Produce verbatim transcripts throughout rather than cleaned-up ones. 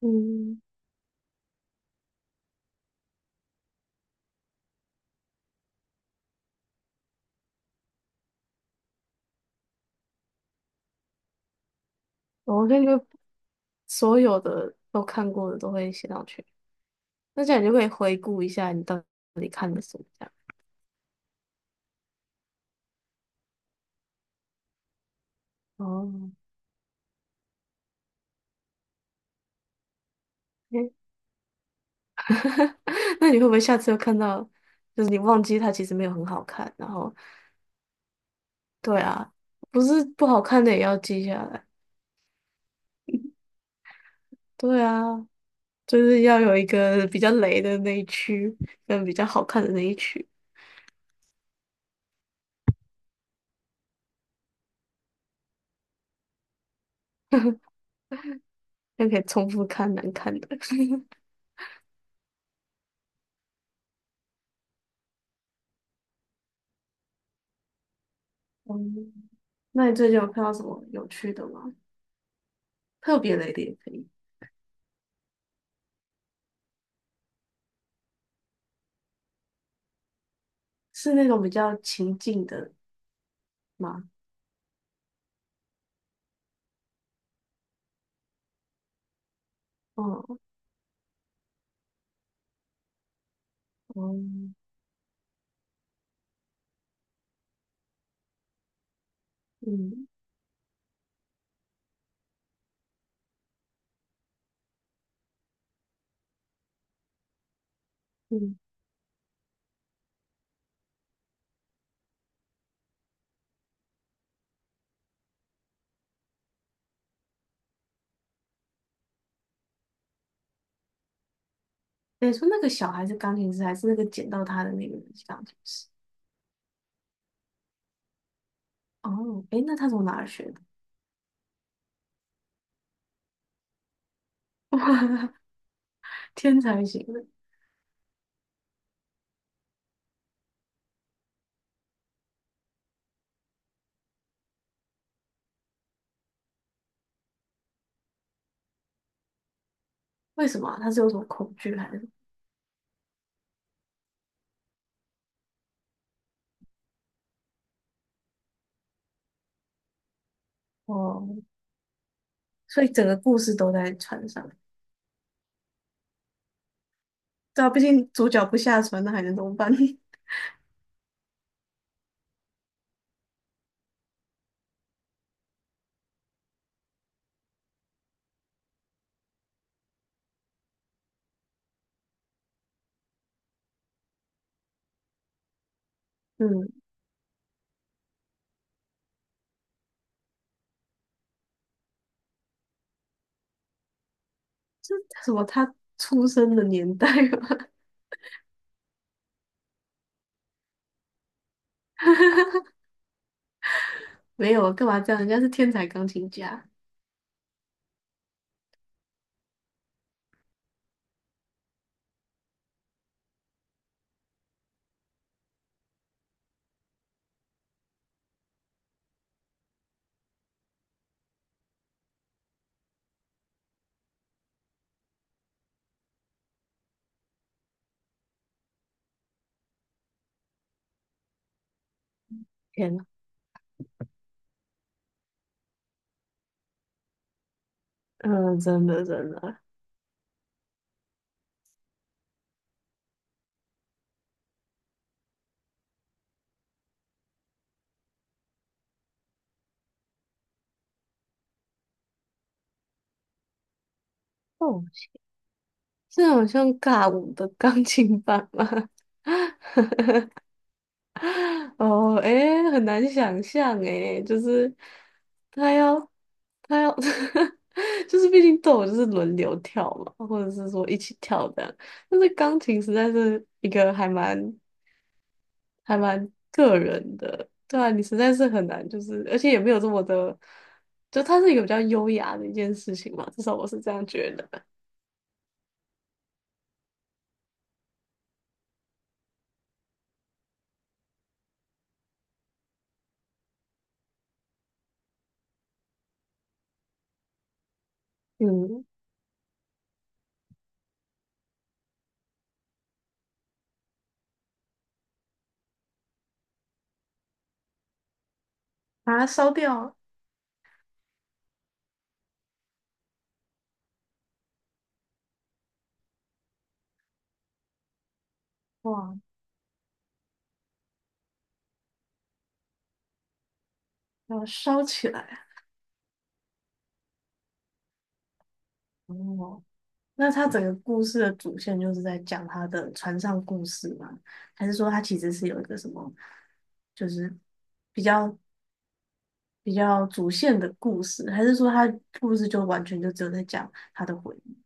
嗯，我感觉所有的都看过的都会写上去。那这样你就可以回顾一下你到底看了什么这样。哦，诶。 那你会不会下次又看到，就是你忘记它其实没有很好看，然后对啊，不是不好看的也要记下来。对啊，就是要有一个比较雷的那一区，跟比较好看的那一区，就可以重复看难看的。嗯，那你最近有看到什么有趣的吗？特别雷的也可以。是那种比较情境的吗？哦。哦。嗯嗯。你说那个小孩是钢琴师，还是那个捡到他的那个人是钢琴师？哦，诶，那他从哪儿学的？天才型的。为什么啊他是有什么恐惧还是？哦，所以整个故事都在船上。对啊，毕竟主角不下船，那还能怎么办？嗯，这什么？他出生的年代吗？没有，干嘛这样？人家是天才钢琴家。天呐。嗯，真的真的。哦，这好像尬舞的钢琴版吗？哦，诶，很难想象诶，就是他要他要，就是毕竟都有就是轮流跳嘛，或者是说一起跳这样，但是钢琴实在是一个还蛮还蛮个人的。对啊，你实在是很难，就是而且也没有这么的，就它是一个比较优雅的一件事情嘛，至少我是这样觉得。嗯，把它烧掉。哇，要烧起来。哦，那他整个故事的主线就是在讲他的船上故事吗？还是说他其实是有一个什么，就是比较比较主线的故事？还是说他故事就完全就只有在讲他的回忆？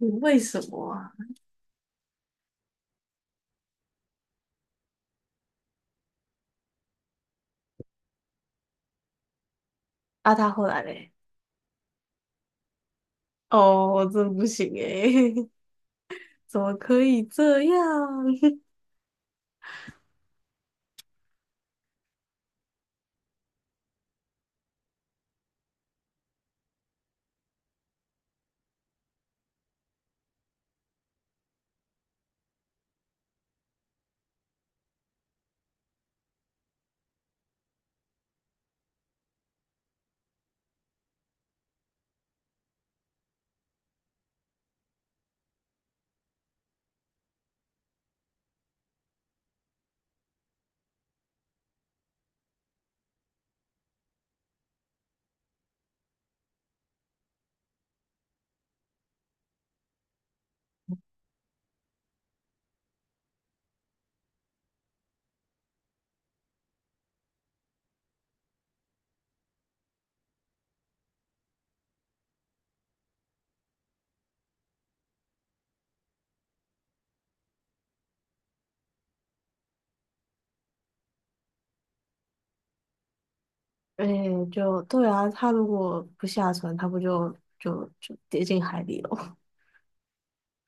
嗯为什么啊？啊，他后来嘞？哦，我真不行诶。怎么可以这样？哎，就对啊，他如果不下船，他不就就就跌进海里了？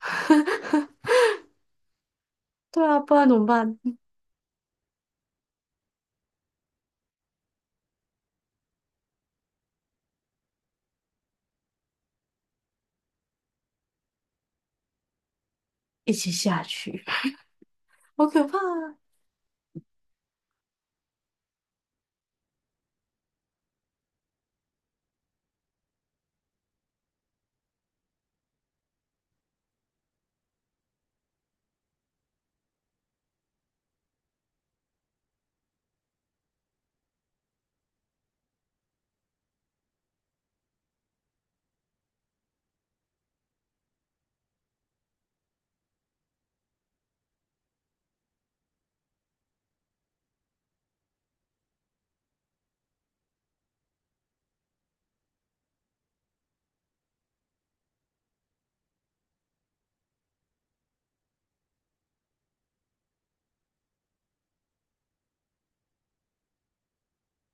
对啊，不然怎么办？一起下去。好可怕啊！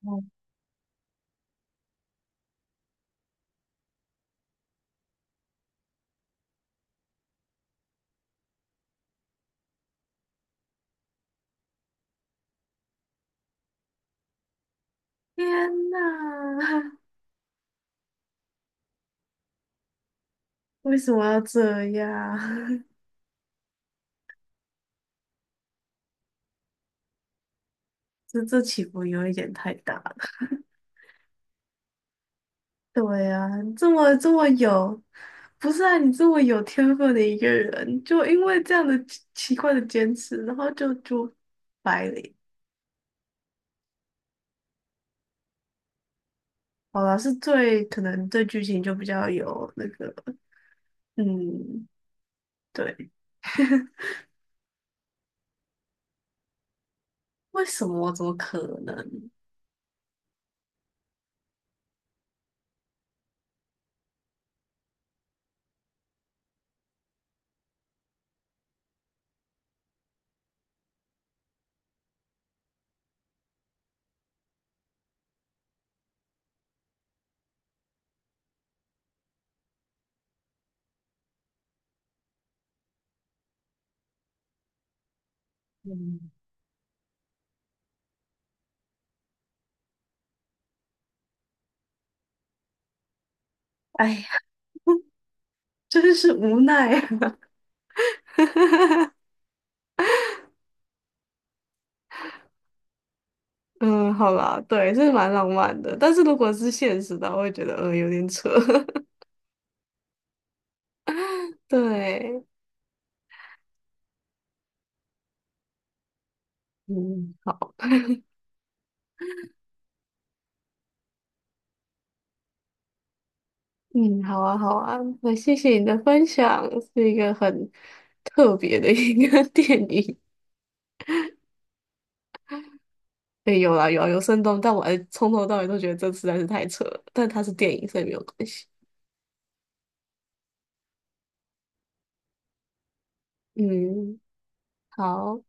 哦，天呐。为什么要这样？这这起伏有一点太大了。对呀、啊这么这么有，不是啊，你这么有天分的一个人，就因为这样的奇奇怪的坚持，然后就就白了。好啦，是最可能对剧情就比较有那个。嗯，对。为什么？怎么可能？嗯，哎呀。真是无奈啊。嗯，好啦，对，这是蛮浪漫的，但是如果是现实的话我会觉得嗯有点扯。对。嗯，好。嗯，好啊，好啊，那谢谢你的分享，是一个很特别的一个 电影。对，有啦，有啊，有生动，但我还从头到尾都觉得这实在是太扯了，但它是电影，所以没有关系。嗯，好。